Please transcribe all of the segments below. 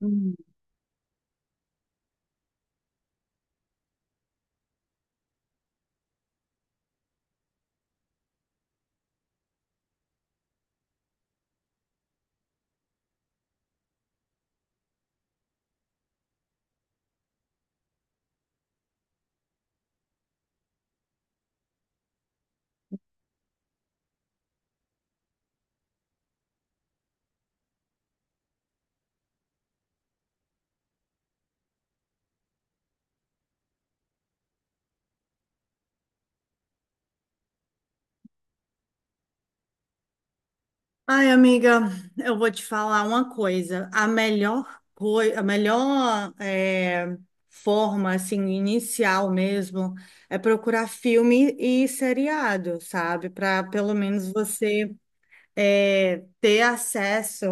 Hum. Ai, amiga, eu vou te falar uma coisa. A melhor coisa, a melhor forma, assim, inicial mesmo, é procurar filme e seriado, sabe? Para pelo menos você ter acesso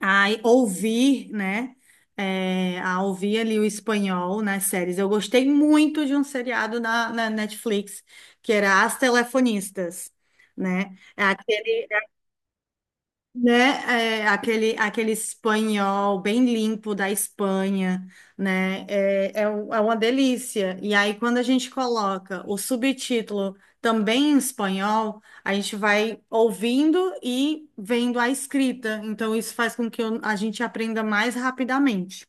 a ouvir, né? A ouvir ali o espanhol nas séries. Eu gostei muito de um seriado na Netflix, que era As Telefonistas. né? Né? É, aquele espanhol bem limpo da Espanha, né? É uma delícia. E aí, quando a gente coloca o subtítulo também em espanhol, a gente vai ouvindo e vendo a escrita. Então, isso faz com que a gente aprenda mais rapidamente.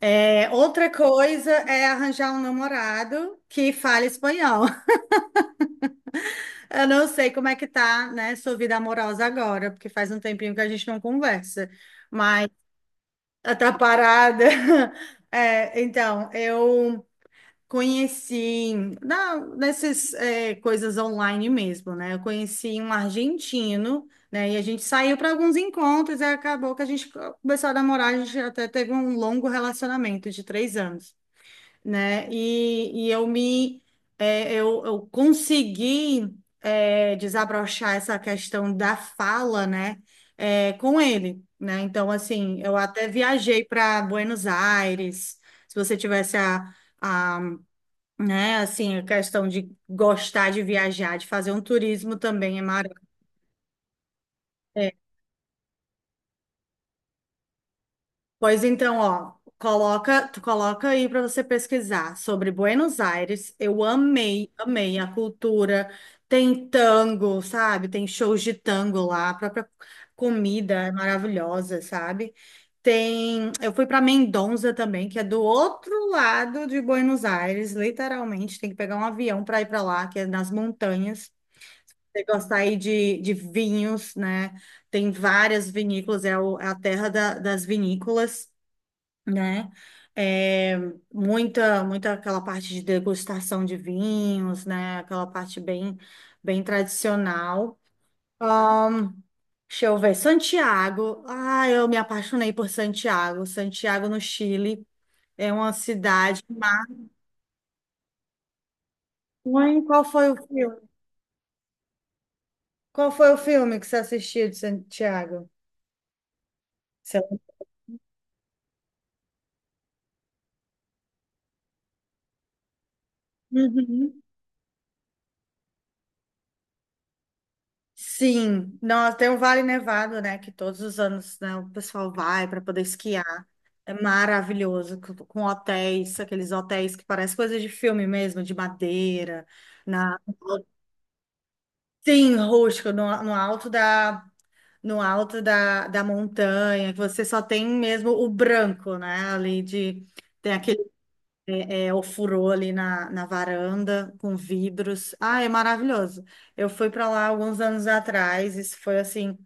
É, outra coisa é arranjar um namorado que fale espanhol. Eu não sei como é que tá, né, sua vida amorosa agora, porque faz um tempinho que a gente não conversa. Ah, tá parada. É, então, eu conheci nessas coisas online mesmo, né? Eu conheci um argentino, né? E a gente saiu para alguns encontros e acabou que a gente começou a namorar. A gente até teve um longo relacionamento de 3 anos, né? E eu eu consegui, desabrochar essa questão da fala, né? Com ele, né? Então, assim, eu até viajei para Buenos Aires. Se você tivesse a, né, assim, a questão de gostar de viajar, de fazer um turismo também é maravilhoso. Pois então, ó, tu coloca aí para você pesquisar sobre Buenos Aires. Eu amei, amei a cultura. Tem tango, sabe? Tem shows de tango lá, a própria comida é maravilhosa, sabe? Eu fui para Mendoza também, que é do outro lado de Buenos Aires, literalmente, tem que pegar um avião para ir para lá, que é nas montanhas. Você gostar aí de vinhos, né? Tem várias vinícolas, é a terra das vinícolas, né? É, muita, muita aquela parte de degustação de vinhos, né? Aquela parte bem, bem tradicional. Ahn, Deixa eu ver, Santiago. Ah, eu me apaixonei por Santiago. Santiago, no Chile, é uma cidade. Mãe, qual foi o filme? Qual foi o filme que você assistiu de Santiago? Seu- Uhum. Sim, nós tem o Vale Nevado, né? Que todos os anos, né, o pessoal vai para poder esquiar. É maravilhoso, com hotéis, aqueles hotéis que parecem coisas de filme mesmo, de madeira, na sim, rústico, no alto da montanha, que você só tem mesmo o branco, né? Ali de Tem aquele, ofurô ali na varanda com vidros. Ah, é maravilhoso. Eu fui para lá alguns anos atrás, isso foi assim.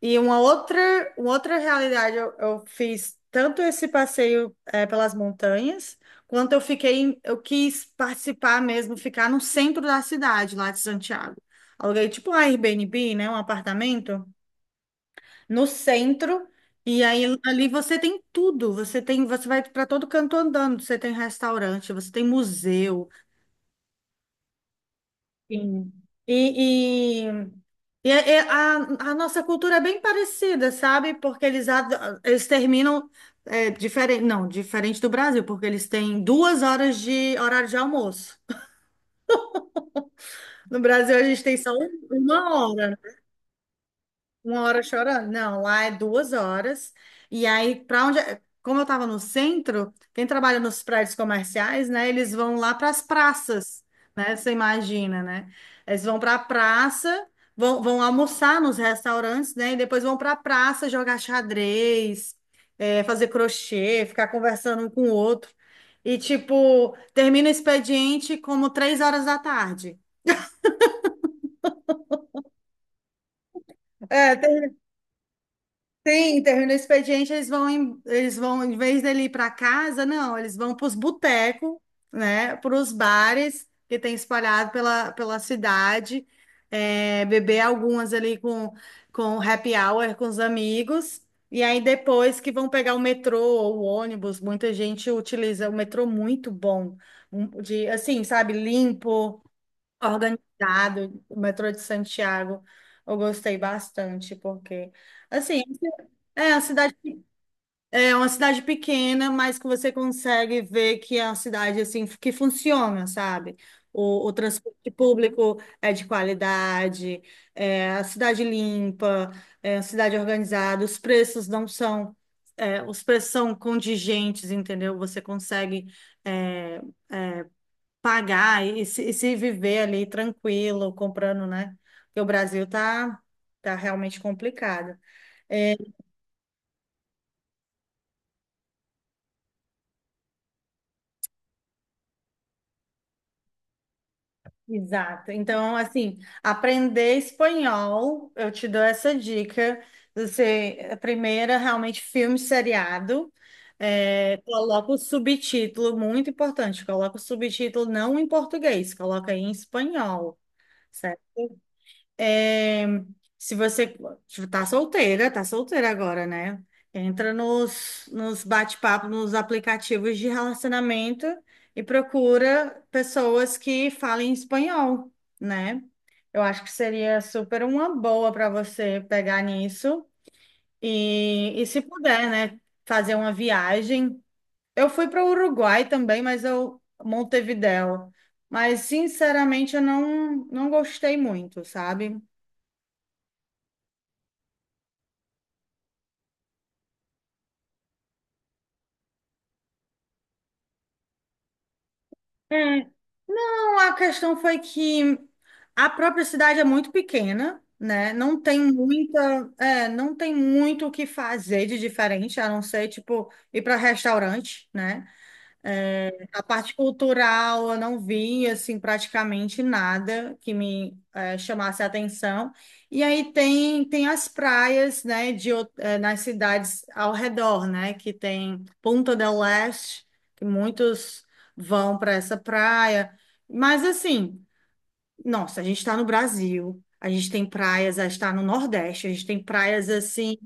E uma outra realidade, eu fiz tanto esse passeio, pelas montanhas, quanto eu fiquei, eu quis participar mesmo, ficar no centro da cidade, lá de Santiago. Aluguei tipo um Airbnb, né, um apartamento, no centro, e aí ali você tem tudo, você vai para todo canto andando, você tem restaurante, você tem museu. Sim. E, E é- é- a, a nossa cultura é bem parecida, sabe? Porque eles terminam diferente, não, diferente do Brasil, porque eles têm 2 horas de horário de almoço. No Brasil, a gente tem só 1 hora. 1 hora chorando? Não, lá é 2 horas. E aí, como eu estava no centro, quem trabalha nos prédios comerciais, né? Eles vão lá para as praças, né? Você imagina, né? Eles vão para a praça, vão almoçar nos restaurantes, né? E depois vão para a praça jogar xadrez, fazer crochê, ficar conversando um com o outro. E, tipo, termina o expediente como 3 horas da tarde. É, sim, termina o expediente, eles vão, em vez dele ir para casa, não, eles vão para os botecos, né, para os bares que tem espalhado pela cidade, beber algumas ali com happy hour com os amigos, e aí depois que vão pegar o metrô ou o ônibus, muita gente utiliza o metrô muito bom, assim, sabe, limpo, organizado, o metrô de Santiago, eu gostei bastante, porque, assim, é uma cidade, é uma cidade pequena, mas que você consegue ver que é uma cidade, assim, que funciona, sabe? O transporte público é de qualidade, é a cidade limpa, é a cidade organizada, os preços não são... é, os preços são contingentes, entendeu? Você consegue, é, pagar e se viver ali tranquilo, comprando, né? Porque o Brasil tá realmente complicado. É, exato. Então, assim, aprender espanhol, eu te dou essa dica. Você, a primeira, realmente, filme seriado. É, coloca o subtítulo, muito importante, coloca o subtítulo não em português, coloca aí em espanhol, certo? É, se você tá solteira agora, né? Entra nos bate-papos, nos aplicativos de relacionamento e procura pessoas que falem espanhol, né? Eu acho que seria super uma boa para você pegar nisso e se puder, né, fazer uma viagem. Eu fui para o Uruguai também, mas eu Montevidéu. Mas sinceramente eu não gostei muito, sabe? É. Não, a questão foi que a própria cidade é muito pequena, né? Não tem muito o que fazer de diferente, a não ser, tipo, ir para restaurante, né? A parte cultural, eu não vi, assim, praticamente nada que me chamasse a atenção. E aí tem as praias, né, nas cidades ao redor, né, que tem Punta del Este, que muitos vão para essa praia. Mas, assim, nossa, a gente está no Brasil, a gente tem praias, a gente está no Nordeste, a gente tem praias, assim...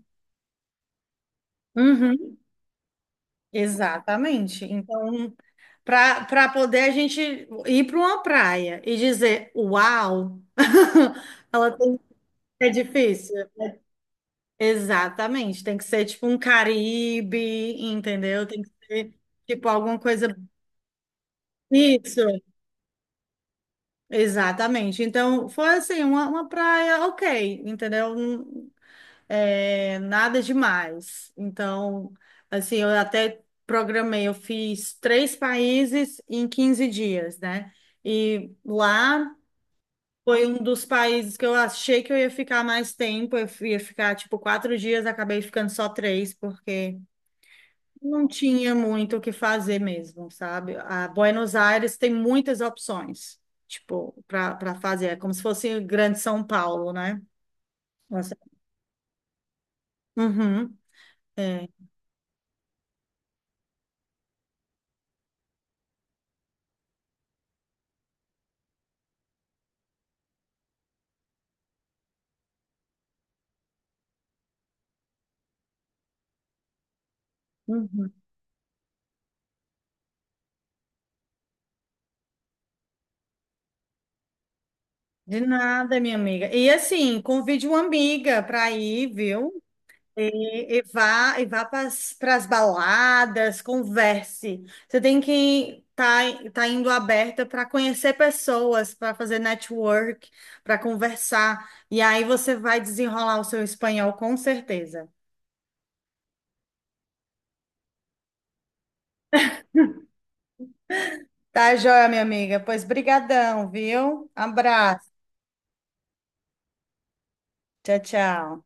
Uhum, exatamente. Então, para poder a gente ir para uma praia e dizer, uau, ela tem que ser difícil. Exatamente, tem que ser tipo um Caribe, entendeu? Tem que ser tipo alguma coisa. Isso, exatamente. Então, foi assim, uma praia ok, entendeu? Nada demais. Então, assim, eu até programei, eu fiz três países em 15 dias, né? E lá. Foi um dos países que eu achei que eu ia ficar mais tempo. Eu ia ficar, tipo, 4 dias, acabei ficando só três, porque não tinha muito o que fazer mesmo, sabe? A Buenos Aires tem muitas opções, tipo, para fazer. É como se fosse o Grande São Paulo, né? Você- Uhum, é. Uhum. De nada, minha amiga. E assim, convide uma amiga para ir, viu? E vá para as baladas, converse. Você tem que tá indo aberta para conhecer pessoas, para fazer network, para conversar. E aí você vai desenrolar o seu espanhol com certeza. Tá joia, minha amiga? Pois brigadão, viu? Abraço. Tchau, tchau.